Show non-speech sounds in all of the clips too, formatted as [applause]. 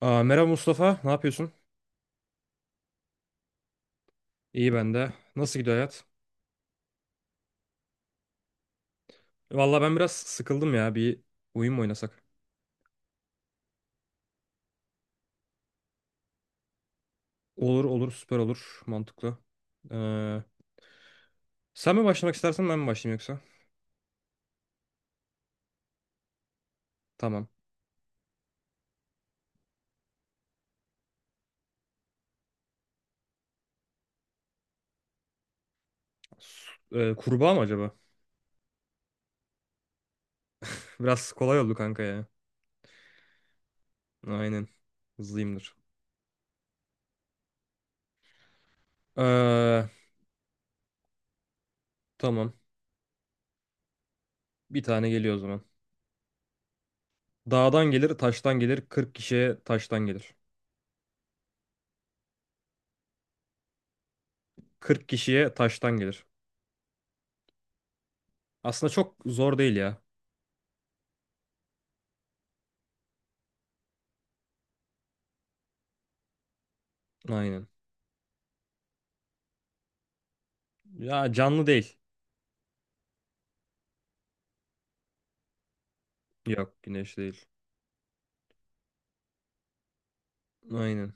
Aa, merhaba Mustafa, ne yapıyorsun? İyi ben de. Nasıl gidiyor hayat? Valla ben biraz sıkıldım ya. Bir oyun mu oynasak? Olur olur, süper olur. Mantıklı. Ee, Sen mi başlamak istersen ben mi başlayayım yoksa? Tamam. Kurbağa mı acaba? Biraz kolay oldu kanka ya. Aynen. Hızlıyımdır. Ee, tamam. Bir tane geliyor o zaman. Dağdan gelir, taştan gelir. 40 kişiye taştan gelir. 40 kişiye taştan gelir. Aslında çok zor değil ya. Aynen. Ya canlı değil. Yok, güneş değil. Aynen.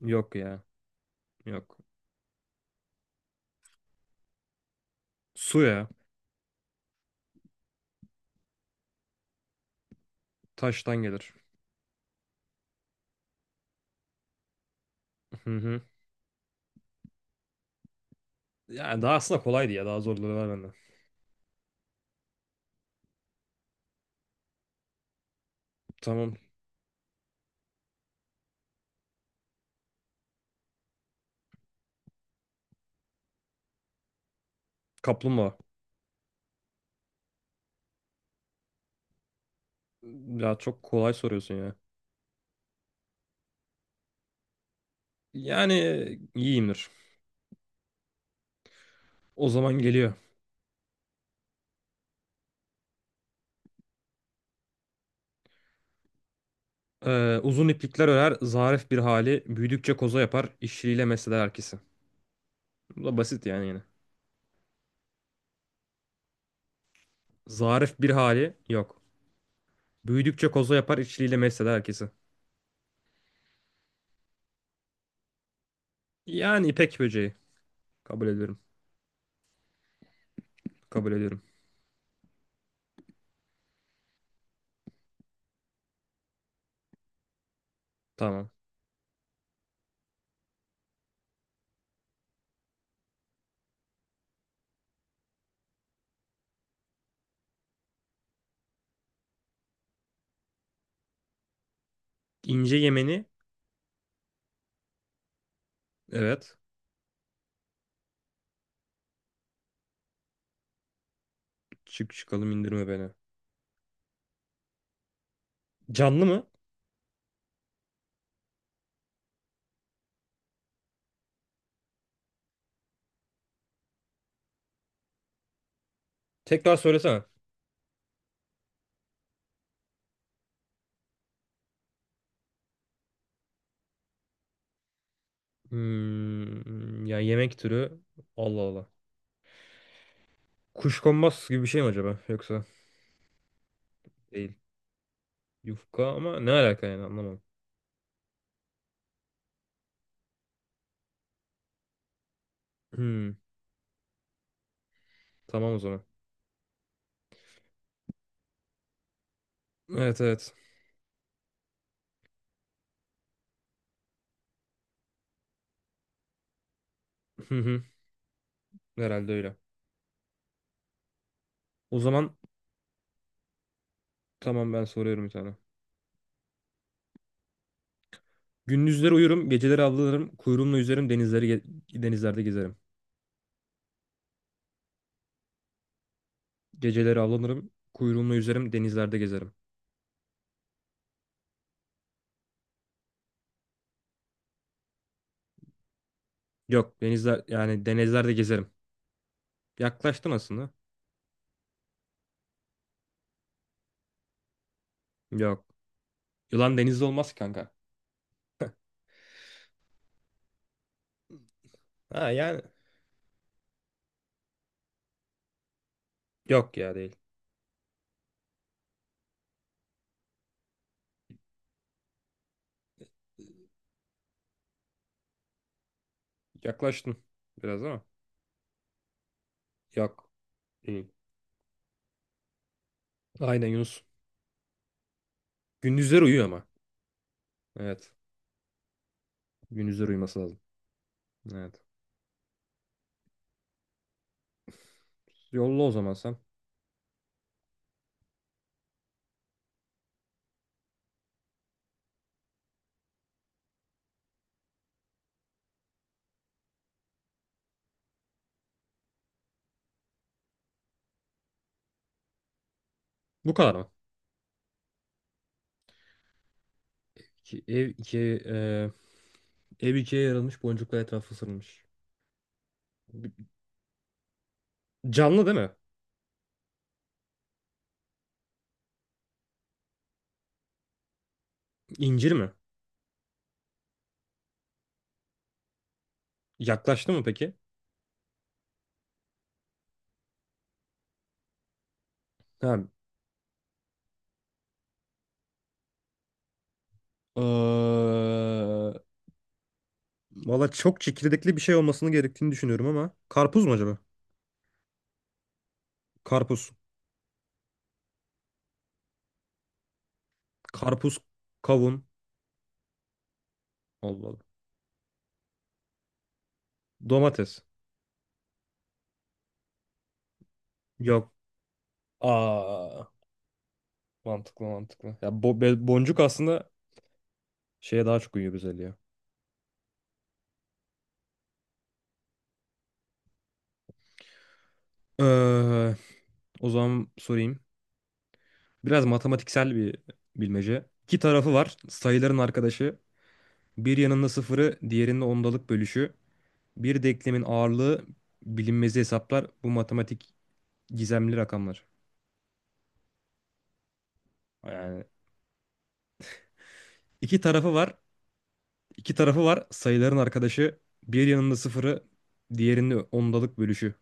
Yok ya. Yok. Su ya. Taştan gelir. Hı hı. Yani daha aslında kolaydı ya. Daha zorları var bende. Tamam. Kaplumbağa. Ya çok kolay soruyorsun ya. Yani iyiyimdir. O zaman geliyor. Uzun iplikler örer, zarif bir hali, büyüdükçe koza yapar, işçiliğiyle mesler herkesi. Bu da basit yani yine. Zarif bir hali yok. Büyüdükçe koza yapar, işçiliğiyle mesler herkesi. Yani ipek böceği. Kabul ediyorum. Kabul ediyorum. Tamam. İnce yemeni, evet. Çık çıkalım indirme beni. Canlı mı? Tekrar söylesene. Hmm, yani yemek türü. Allah Allah. Kuşkonmaz gibi bir şey mi acaba? Yoksa değil. Yufka ama ne alaka yani anlamadım. Hmm, tamam o zaman. Evet evet. [laughs] Hı hı, herhalde öyle. O zaman tamam, ben soruyorum bir tane. Gündüzleri uyurum, geceleri avlanırım, kuyruğumla yüzerim, denizlerde gezerim. Geceleri avlanırım, kuyruğumla yüzerim, denizlerde gezerim. Yok, denizler yani denizlerde gezerim. Yaklaştın aslında. Yok. Yılan denizde olmaz ki kanka. Ha yani yok ya, değil. Yaklaştın biraz ama. Yok. Değil. Aynen, yunus. Gündüzler uyuyor ama. Evet. Gündüzler uyuması lazım. Evet. Yolla o zaman sen. Bu kadar mı? Ev ikiye ev ikiye yarılmış, boncuklar etrafı sarılmış. Canlı değil mi? İncir mi? Yaklaştı mı peki? Tamam. Eee, Valla çok çekirdekli bir şey olmasını gerektiğini düşünüyorum ama. Karpuz mu acaba? Karpuz. Karpuz, kavun. Allah Allah. Domates. Yok. Aa, mantıklı mantıklı. Ya boncuk aslında şeye daha çok uyuyor, güzel ya. Ee, O zaman sorayım. Biraz matematiksel bir bilmece. İki tarafı var. Sayıların arkadaşı. Bir yanında sıfırı, diğerinde ondalık bölüşü. Bir denklemin ağırlığı bilinmezi hesaplar. Bu matematik gizemli rakamlar. Yani iki tarafı var. İki tarafı var. Sayıların arkadaşı. Bir yanında sıfırı, diğerinde ondalık bölüşü.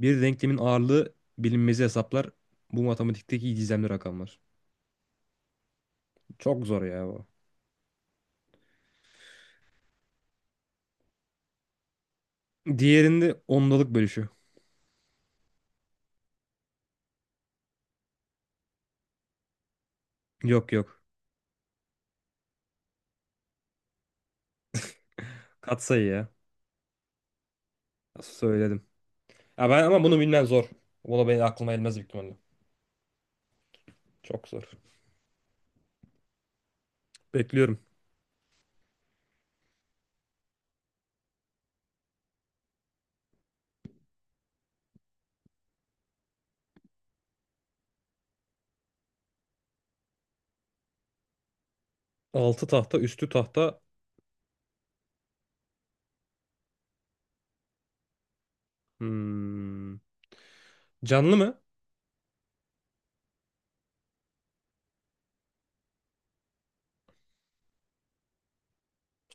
Bir denklemin ağırlığı bilinmezi hesaplar. Bu matematikteki gizemli rakamlar. Çok zor ya bu. Diğerinde ondalık bölüşü. Yok yok. Katsayı ya. Söyledim. Ya ben ama bunu bilmem zor. Bunu benim aklıma elmez büyük ihtimalle. Çok zor. Bekliyorum. Altı tahta, üstü tahta. Hmm. Canlı mı?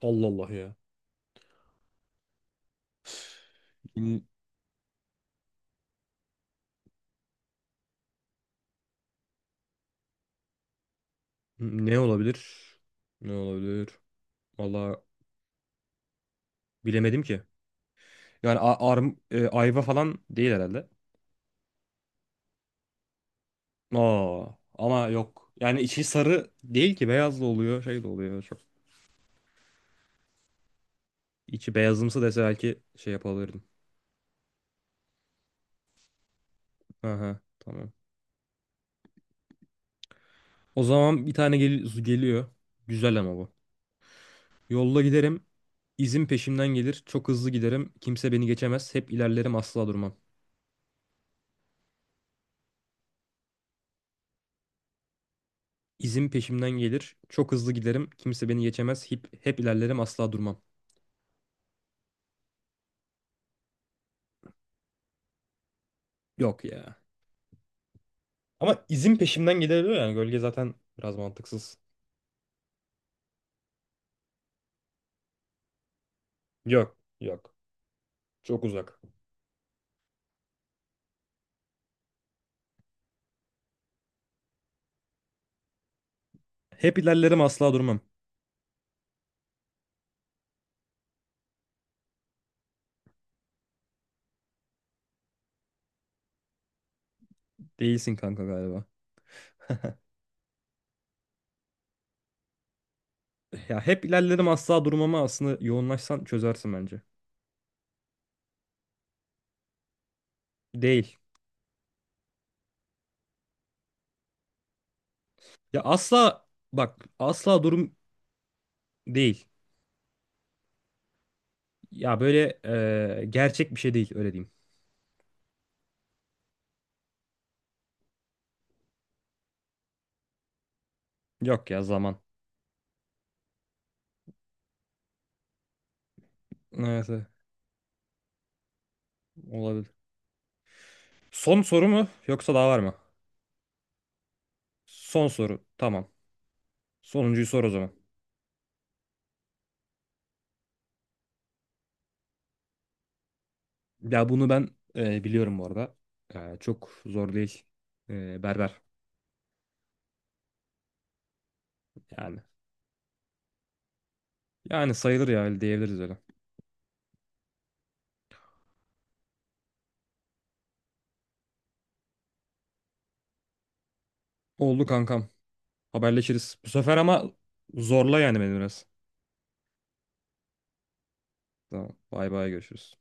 Allah Allah ya. Bil- ne olabilir? Ne olabilir? Valla bilemedim ki. Yani ayva falan değil herhalde. Oo, ama yok. Yani içi sarı değil ki, beyaz da oluyor, şey de oluyor. Çok içi beyazımsı dese belki şey yapabilirdim. Aha, tamam. O zaman bir tane geliyor. Güzel ama bu. Yolda giderim. İzim peşimden gelir. Çok hızlı giderim. Kimse beni geçemez. Hep ilerlerim, asla durmam. İzim peşimden gelir. Çok hızlı giderim. Kimse beni geçemez. Hep ilerlerim, asla durmam. Yok ya. Ama izim peşimden gelir diyor yani. Gölge zaten biraz mantıksız. Yok. Yok. Çok uzak. Hep ilerlerim, asla durmam. Değilsin kanka galiba. Ya hep ilerlerim asla durmama aslında yoğunlaşsan çözersin bence. Değil. Ya asla Bak, asla durum değil. Ya böyle gerçek bir şey değil, öyle diyeyim. Yok ya, zaman. Evet, evet. Olabilir. Son soru mu yoksa daha var mı? Son soru, tamam. Sonuncuyu sor o zaman. Ya bunu ben biliyorum bu arada. E, çok zor değil. E, berber yani. Yani sayılır ya, öyle diyebiliriz öyle. Oldu kankam. Haberleşiriz. Bu sefer ama zorla yani beni biraz. Tamam. Bay bay, görüşürüz.